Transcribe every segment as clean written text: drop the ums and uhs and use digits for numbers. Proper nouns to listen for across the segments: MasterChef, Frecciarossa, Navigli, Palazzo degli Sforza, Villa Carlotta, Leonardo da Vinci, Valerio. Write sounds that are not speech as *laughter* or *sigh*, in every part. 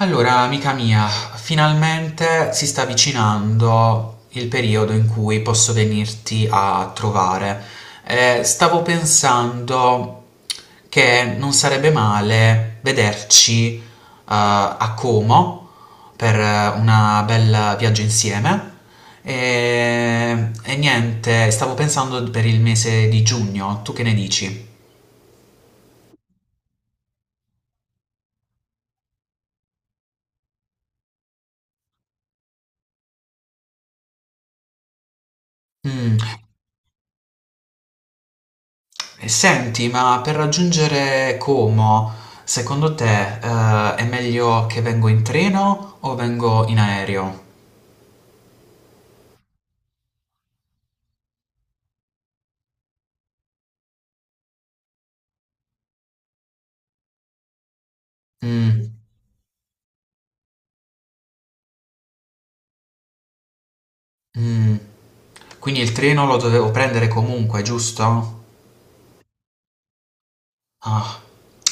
Allora, amica mia, finalmente si sta avvicinando il periodo in cui posso venirti a trovare. Stavo pensando che non sarebbe male vederci, a Como per una bel viaggio insieme. E niente, stavo pensando per il mese di giugno, tu che ne dici? Mm. E senti, ma per raggiungere Como, secondo te, è meglio che vengo in treno o vengo in aereo? Mm. Mm. Quindi il treno lo dovevo prendere comunque, giusto? Ah,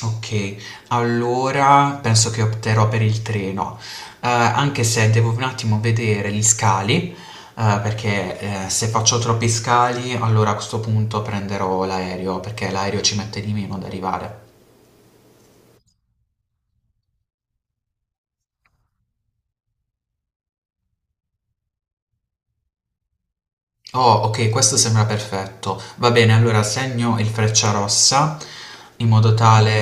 ok. Allora penso che opterò per il treno. Anche se devo un attimo vedere gli scali, perché se faccio troppi scali, allora a questo punto prenderò l'aereo, perché l'aereo ci mette di meno ad arrivare. Oh, ok, questo sembra perfetto. Va bene, allora segno il Frecciarossa in modo tale,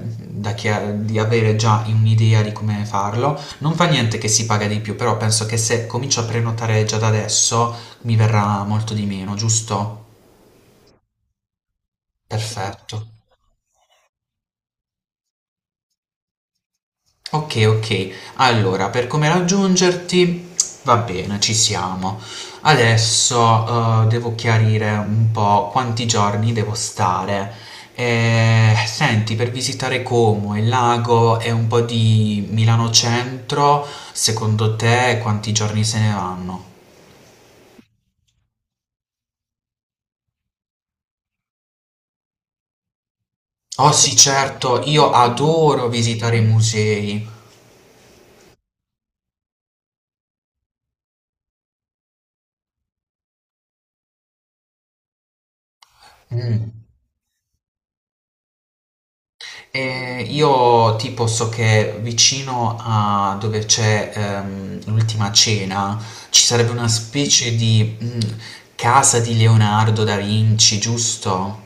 da di avere già un'idea di come farlo. Non fa niente che si paga di più, però penso che se comincio a prenotare già da adesso mi verrà molto di meno, giusto? Perfetto. Ok, ok. Allora, per come raggiungerti, va bene, ci siamo. Adesso, devo chiarire un po' quanti giorni devo stare. Senti, per visitare Como e il lago e un po' di Milano Centro, secondo te quanti giorni se ne vanno? Oh sì, certo, io adoro visitare i musei. Mm. Io tipo so che vicino a dove c'è l'ultima cena ci sarebbe una specie di casa di Leonardo da Vinci, giusto?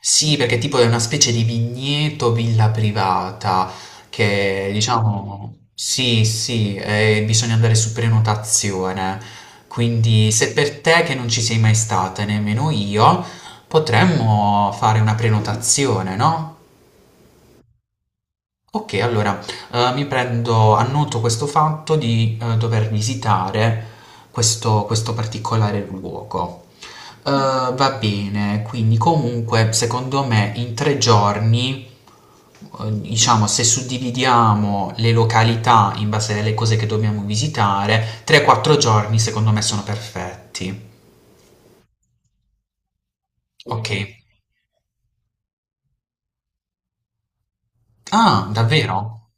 Sì, perché tipo è una specie di vigneto villa privata che diciamo sì, sì, bisogna andare su prenotazione. Quindi se per te che non ci sei mai stata, nemmeno io, potremmo fare una prenotazione, no? Ok, allora mi prendo, annoto questo fatto di dover visitare questo particolare luogo. Va bene, quindi comunque secondo me in 3 giorni, diciamo se suddividiamo le località in base alle cose che dobbiamo visitare, 3-4 giorni secondo me sono perfetti. Mhm. Ok. Ah, davvero?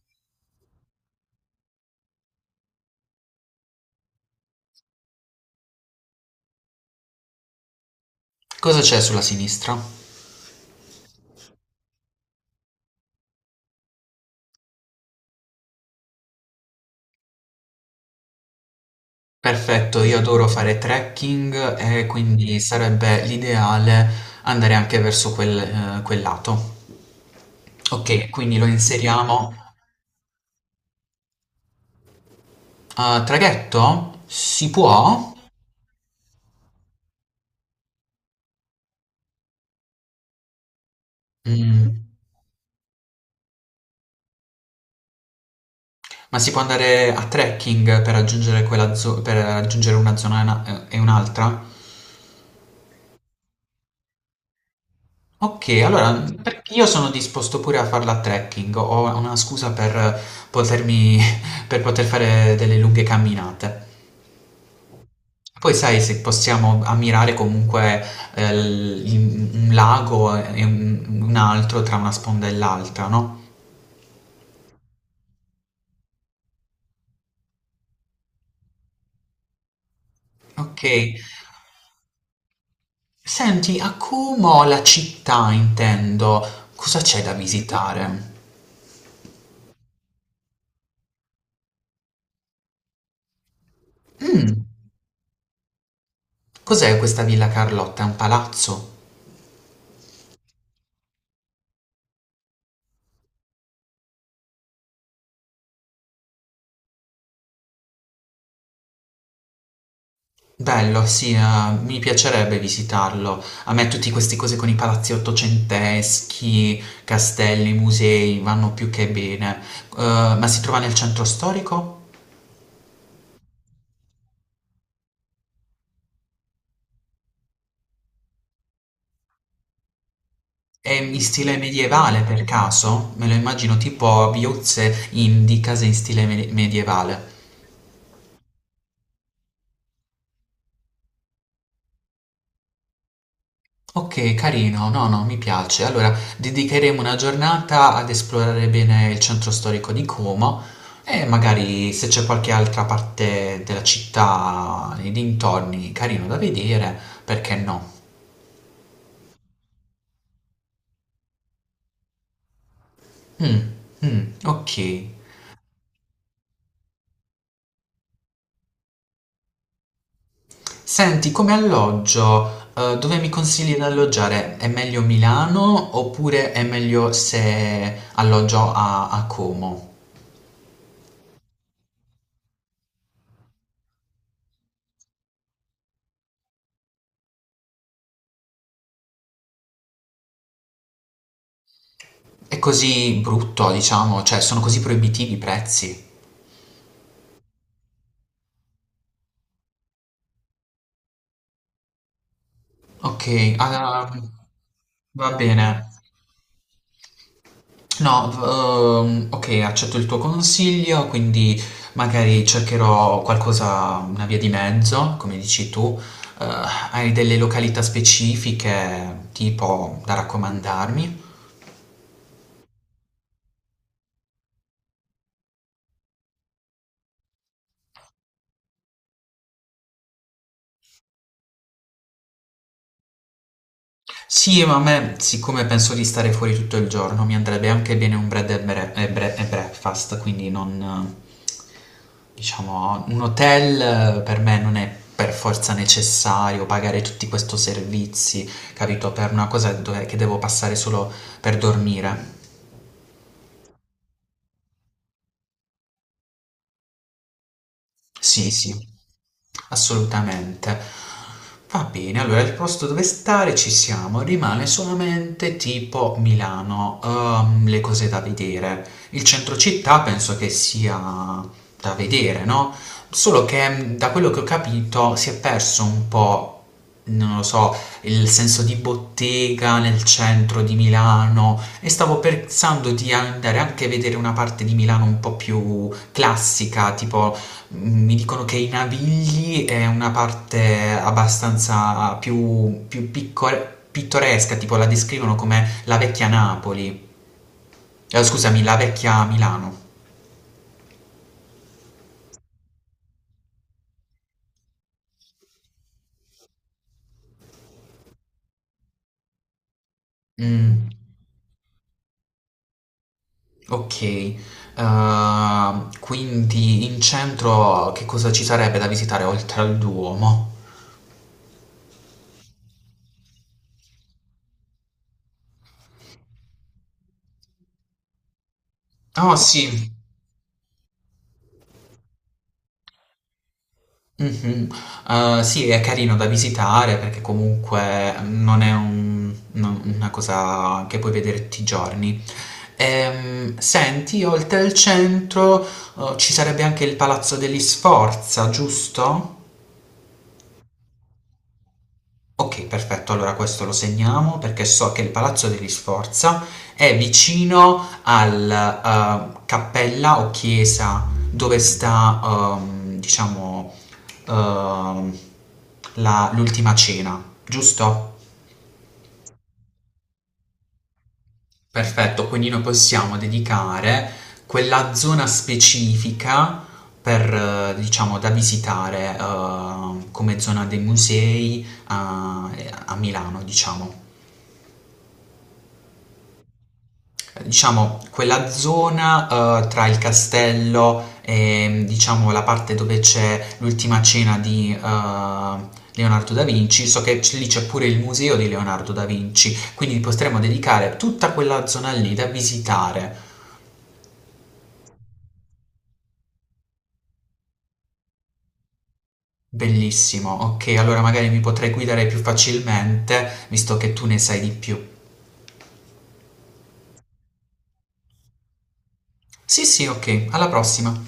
Cosa c'è sulla sinistra? Perfetto, io adoro fare trekking e quindi sarebbe l'ideale andare anche verso quel lato. Ok, quindi lo inseriamo. A traghetto? Si può? Mm. Ma si può andare a trekking per raggiungere una zona e un'altra? Ok, allora perché io sono disposto pure a farla a trekking, ho una scusa per potermi, *laughs* per poter fare delle lunghe camminate. Poi sai se possiamo ammirare comunque un lago e un altro tra una sponda e l'altra, no? Ok. Senti, a Como, la città intendo, cosa c'è da visitare? Mm. Cos'è questa Villa Carlotta? È un palazzo? Bello, sì, mi piacerebbe visitarlo. A me tutte queste cose con i palazzi ottocenteschi, castelli, musei, vanno più che bene. Ma si trova nel centro storico? È in stile medievale per caso? Me lo immagino tipo viuzze di case in stile medievale. Ok, carino, no, no, mi piace. Allora, dedicheremo una giornata ad esplorare bene il centro storico di Como e magari se c'è qualche altra parte della città, nei dintorni, carino da vedere, perché no? Mm, mm, ok. Senti, come alloggio, dove mi consigli di alloggiare? È meglio Milano oppure è meglio se alloggio a Como? È così brutto, diciamo, cioè sono così proibitivi i prezzi. Ok, ah, va bene. No, ok, accetto il tuo consiglio, quindi magari cercherò qualcosa, una via di mezzo, come dici tu. Eh, Hai delle località specifiche, tipo, da raccomandarmi? Sì, ma a me, siccome penso di stare fuori tutto il giorno, mi andrebbe anche bene un bread and breakfast, quindi non, diciamo, un hotel, per me non è per forza necessario pagare tutti questi servizi, capito? Per una cosa che devo passare solo per dormire. Sì, sì. Assolutamente. Va bene, allora il posto dove stare ci siamo, rimane solamente tipo Milano, le cose da vedere. Il centro città penso che sia da vedere, no? Solo che da quello che ho capito si è perso un po', non lo so, il senso di bottega nel centro di Milano e stavo pensando di andare anche a vedere una parte di Milano un po' più classica, tipo mi dicono che i Navigli è una parte abbastanza più, pittoresca, tipo la descrivono come la vecchia Napoli. Scusami, la vecchia Milano. Mm, ok. Quindi in centro che cosa ci sarebbe da visitare oltre al Duomo? Oh sì. Mhm. Sì, è carino da visitare perché comunque non è una cosa che puoi vedere tutti i giorni. Senti, oltre il centro, ci sarebbe anche il Palazzo degli Sforza, giusto? Ok, perfetto, allora questo lo segniamo perché so che il Palazzo degli Sforza è vicino al, cappella o chiesa dove sta, diciamo, ehm, l'ultima cena, giusto? Perfetto, quindi noi possiamo dedicare quella zona specifica per, diciamo, da visitare, come zona dei musei a Milano, diciamo. Diciamo, quella zona, tra il castello e, diciamo, la parte dove c'è l'ultima cena di, Leonardo da Vinci, so che lì c'è pure il museo di Leonardo da Vinci, quindi potremmo dedicare tutta quella zona lì da visitare. Bellissimo, ok, allora magari mi potrai guidare più facilmente, visto che tu ne sai di più. Sì, sì, ok, alla prossima.